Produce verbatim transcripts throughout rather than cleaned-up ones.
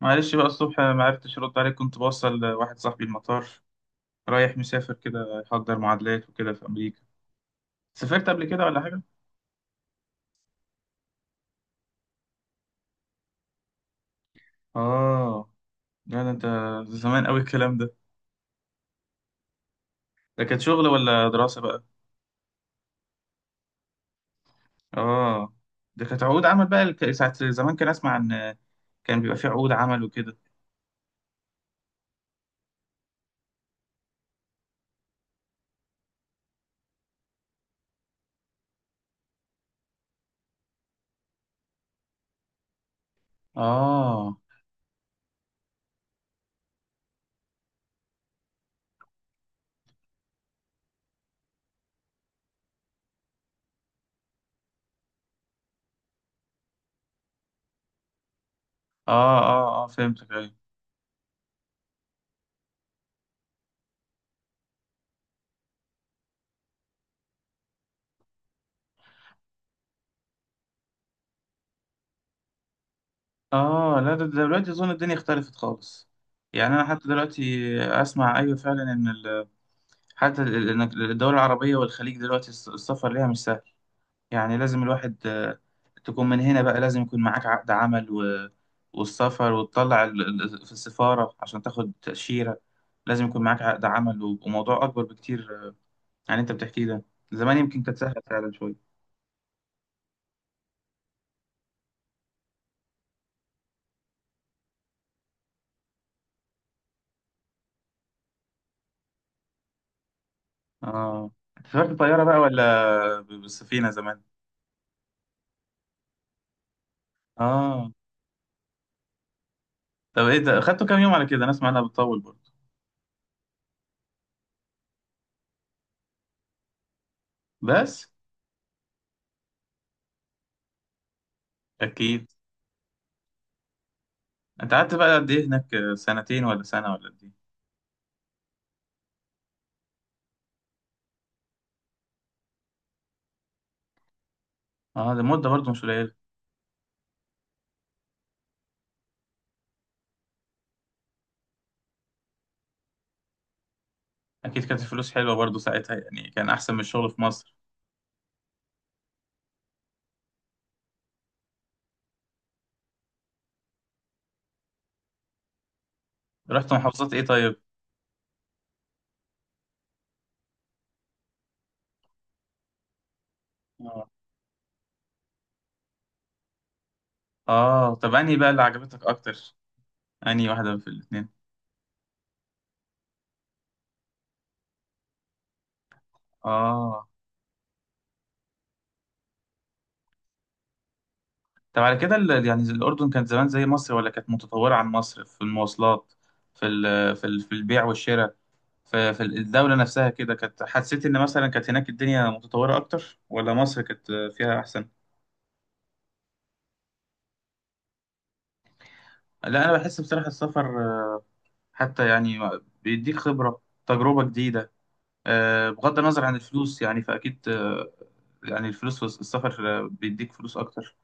معلش بقى، الصبح ما عرفتش ارد عليك، كنت بوصل واحد صاحبي المطار رايح مسافر كده يحضر معادلات وكده في امريكا. سافرت قبل كده ولا حاجه؟ اه. لا ده انت. زمان قوي الكلام ده. ده كانت شغل ولا دراسه بقى؟ اه. ده كانت عقود عمل بقى. الك- ساعه زمان كان اسمع ان كان بيبقى فيه عقود عمل وكده. اه، اه، اه، اه، فهمتك. ايوه. اه، لا، ده ده دلوقتي اظن الدنيا اختلفت خالص. يعني انا حتى دلوقتي اسمع، ايوه فعلا ان حتى ال- ال- إنك- الدول العربية والخليج دلوقتي الس- السفر ليها مش سهل. يعني لازم الواحد آه، تكون من هنا، بقى لازم يكون معاك عقد عمل و والسفر وتطلع ال- ال- في السفارة عشان تاخد تأشيرة. لازم يكون معاك عقد عمل و- وموضوع أكبر بكتير آه، عن اللي أنت بتحكيه ده. زمان يمكن كانت سهلة فعلا شوية. آه أنت سافرت بالطيارة بقى ولا ب- بالسفينة زمان؟ آه طب إيه ده، خدته كام يوم على كده؟ أنا أسمع إنها بتطول برضه. بس. أكيد. أنت قعدت بقى قد إيه هناك، آه، سنتين ولا سنة ولا قد إيه؟ اه، ده مدة برضه مش قليلة. أكيد كانت الفلوس حلوة برضه ساعتها، يعني كان أحسن من الشغل في مصر. رحت محافظات إيه طيب؟ اه، اه، طب أنهي بقى اللي عجبتك أكتر؟ أنهي واحدة في الاتنين؟ اه. طب على كده ال- يعني الأردن كانت زمان زي مصر ولا كانت متطورة عن مصر، في المواصلات، في ال في ال في البيع والشراء، في في الدولة نفسها كده، كانت حسيت إن مثلا كانت هناك الدنيا متطورة أكتر ولا مصر كانت فيها أحسن؟ لا، أنا بحس بصراحة السفر، آه، حتى يعني، بيديك خبرة، تجربة جديدة. آه، بغض النظر عن الفلوس يعني، فأكيد آه، يعني الفلوس والسفر، آه، بيديك فلوس أكتر.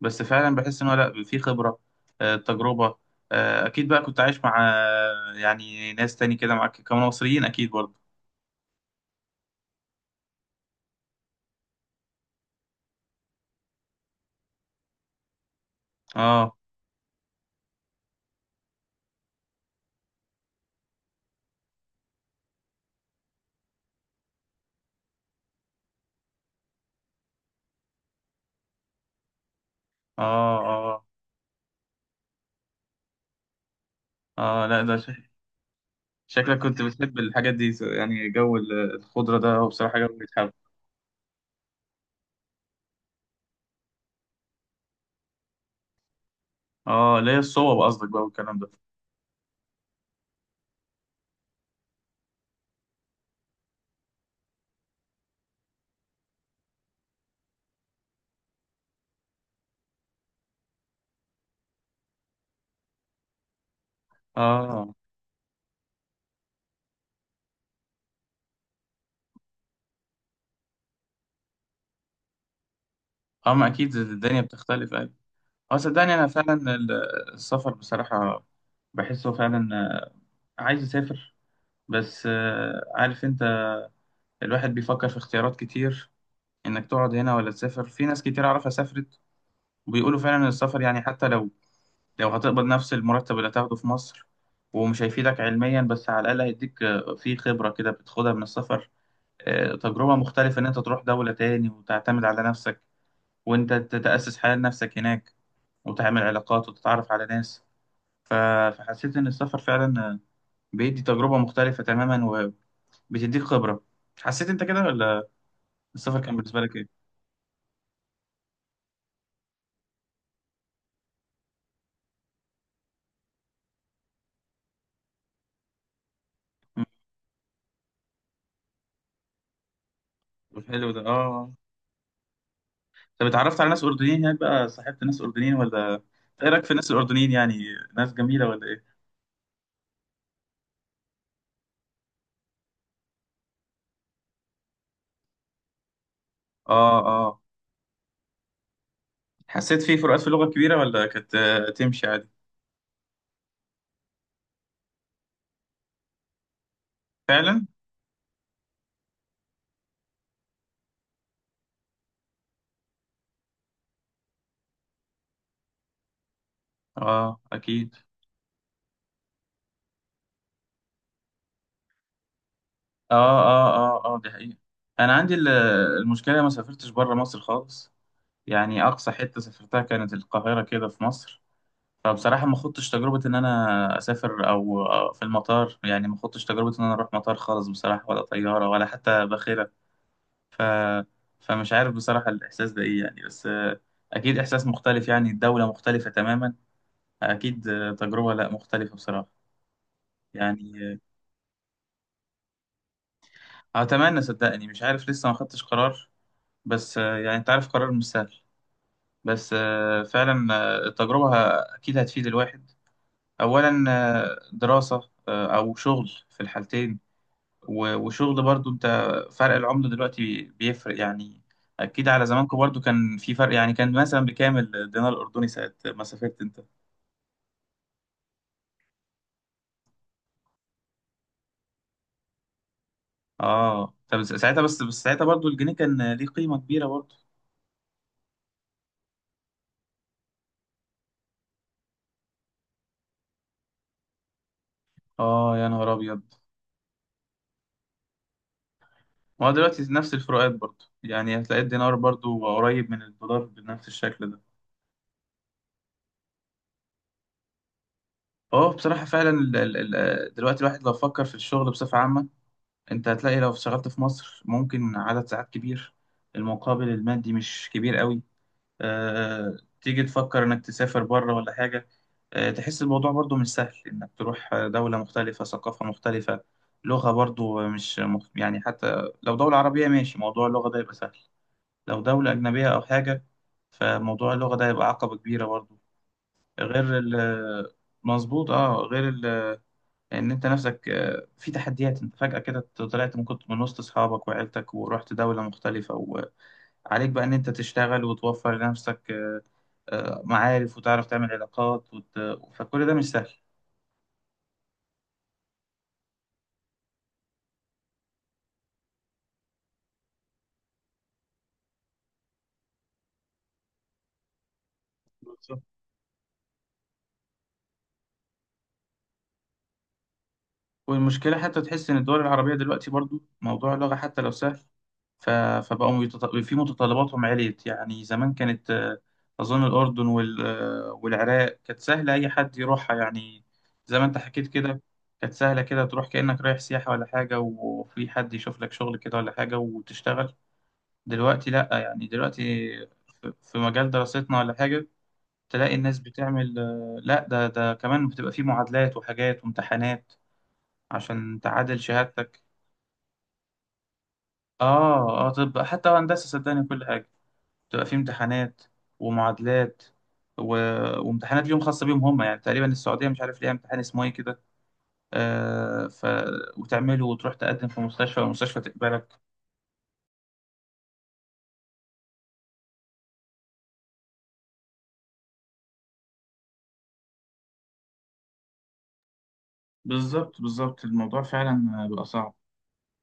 بس فعلا بحس إن هو، لأ، في خبرة، آه، تجربة. آه، أكيد بقى كنت عايش مع آه، يعني ناس تاني كده معاك كانوا مصريين أكيد برضه. آه، آه، آه، آه لأ ده شك- شكلك كنت بتحب الحاجات دي يعني، جو ال- الخضرة ده هو بصراحة جو بيتحب. آه اللي هي الصوب قصدك بقى والكلام ده. آه أما أكيد الدنيا بتختلف. اه، صدقني، انا فعلا ال- السفر بصراحة، بحسه فعلا، عايز يسافر. بس آه، عارف انت، الواحد بيفكر في اختيارات كتير، انك تقعد هنا ولا تسافر، في ناس كتير اعرفها سافرت، وبيقولوا فعلا ان السفر، يعني حتى لو لو هتقبض نفس المرتب اللي هتاخده في مصر، ومش هيفيدك علميا، بس على الاقل هيديك آه، في خبرة كده بتاخدها من السفر، آه، تجربة مختلفة، ان انت تروح دولة تاني وتعتمد على نفسك، وانت تتأسس حياة لنفسك هناك، وتعمل علاقات وتتعرف على ناس. ف- فحسيت إن السفر فعلا بيدي تجربة مختلفة تماما، وبتديك خبرة. حسيت أنت كده، ولا السفر كان بالنسبة لك إيه؟ مم. طب حلو ده. آه طب اتعرفت على ناس أردنيين هناك بقى؟ صاحبت ناس أردنيين ولا إنت إيه رأيك في الناس الأردنيين يعني؟ ناس جميلة ولا إيه؟ آه، آه. حسيت في فروقات في اللغة كبيرة، ولا كانت آه، تمشي عادي؟ فعلا؟ آه أكيد. آه، آه، آه، آه دي حقيقة. أنا عندي ال- المشكلة، ما سافرتش بره مصر خالص. يعني أقصى حتة سافرتها كانت القاهرة كده في مصر. فبصراحة ما خضتش تجربة إن أنا أسافر أو أو في المطار، يعني ما خضتش تجربة إن أنا أروح مطار خالص بصراحة، ولا طيارة، ولا حتى باخرة. ف... فمش عارف بصراحة الإحساس ده إيه، يعني بس آه، أكيد إحساس مختلف، يعني الدولة مختلفة تماما. أكيد آه، تجربة، لأ مختلفة بصراحة. يعني، آه، أتمنى، صدقني مش عارف لسه ما خدتش قرار. بس آه، يعني أنت عارف قرار مش سهل. بس آه، فعلا آه، التجربة ه- أكيد هتفيد الواحد. أولا آه، دراسة، آه، أو شغل، في الحالتين. و- وشغل برضو انت، فرق العملة دلوقتي بيفرق يعني. اكيد على زمانكم برضو كان في فرق، يعني كان مثلا بكام الدينار الاردني ساعة ما سافرت انت؟ اه، طب ساعتها، بس بس ساعتها برضو الجنيه كان ليه قيمة كبيرة برضو. اه، يا نهار ابيض. ما هو دلوقتي نفس الفروقات برضو، يعني هتلاقي الدينار برضو قريب من الدولار بنفس الشكل ده. اه، بصراحة فعلا ال- ال- ال- دلوقتي الواحد لو فكر في الشغل بصفة عامة، انت هتلاقي لو اشتغلت في مصر ممكن عدد ساعات كبير، المقابل المادي مش كبير قوي. آه، تيجي تفكر إنك تسافر بره ولا حاجة، آه، تحس الموضوع برضو مش سهل، إنك تروح دولة مختلفة، ثقافة مختلفة، لغة برضو مش مخ... يعني حتى لو دولة عربية ماشي، موضوع اللغة ده يبقى سهل. لو دولة أجنبية أو حاجة، فموضوع اللغة ده يبقى عقبة كبيرة برضو. غير ال مظبوط. اه، غير ال ان انت نفسك آه، في تحديات، انت فجأة كده طلعت من كنت من وسط اصحابك وعيلتك ورحت دولة مختلفة، وعليك بقى ان انت تشتغل وتوفر لنفسك آه، معارف، وتعرف تعمل علاقات وت... فكل ده مش سهل. بالظبط. والمشكلة حتى تحس إن الدول العربية دلوقتي برضو موضوع اللغة حتى لو سهل، ف... فبقوا يتط... في متطلباتهم عليت، يعني زمان كانت آه، أظن الأردن وال... آه، والعراق كانت سهلة أي حد يروحها يعني. زي ما أنت حكيت كده، كانت سهلة كده، تروح كأنك رايح سياحة ولا حاجة وفي حد يشوف لك شغل كده ولا حاجة وتشتغل. دلوقتي لأ، يعني دلوقتي في في مجال دراستنا ولا حاجة، تلاقي الناس بتعمل، آه، لا ده ده كمان بتبقى فيه معادلات وحاجات وامتحانات عشان تعادل شهادتك. اه، اه، طب حتى هندسة صدقني كل حاجة بتبقى فيه امتحانات ومعادلات و... وامتحانات ليهم خاصة بيهم هم، يعني تقريبا السعودية مش عارف ليها امتحان اسمه ايه كده. آه ف... وتعمله وتروح تقدم في مستشفى والمستشفى تقبلك. بالظبط، بالظبط، الموضوع فعلا بقى صعب،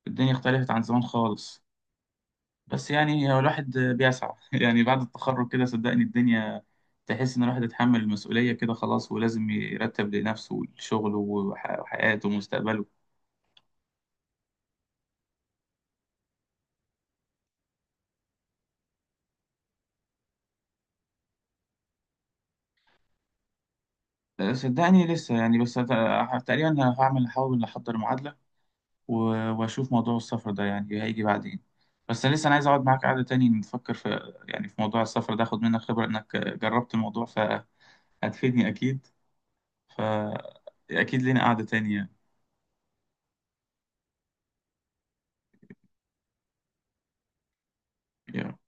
الدنيا اختلفت عن زمان خالص. بس يعني هو الواحد بيسعى يعني بعد التخرج كده صدقني الدنيا، تحس ان الواحد اتحمل المسؤولية كده خلاص، ولازم يرتب لنفسه شغله وح- وحياته ومستقبله. أه، صدقني لسه، يعني بس أت- تقريبا هعمل هحاول احضر معادلة، و- واشوف موضوع السفر ده، يعني هيجي بعدين. بس لسه انا عايز اقعد معاك قعدة تاني نفكر في، يعني في موضوع السفر ده، اخد منك خبرة انك جربت الموضوع، فهتفيدني اكيد. فاكيد لنا قعدة تانية. يعني.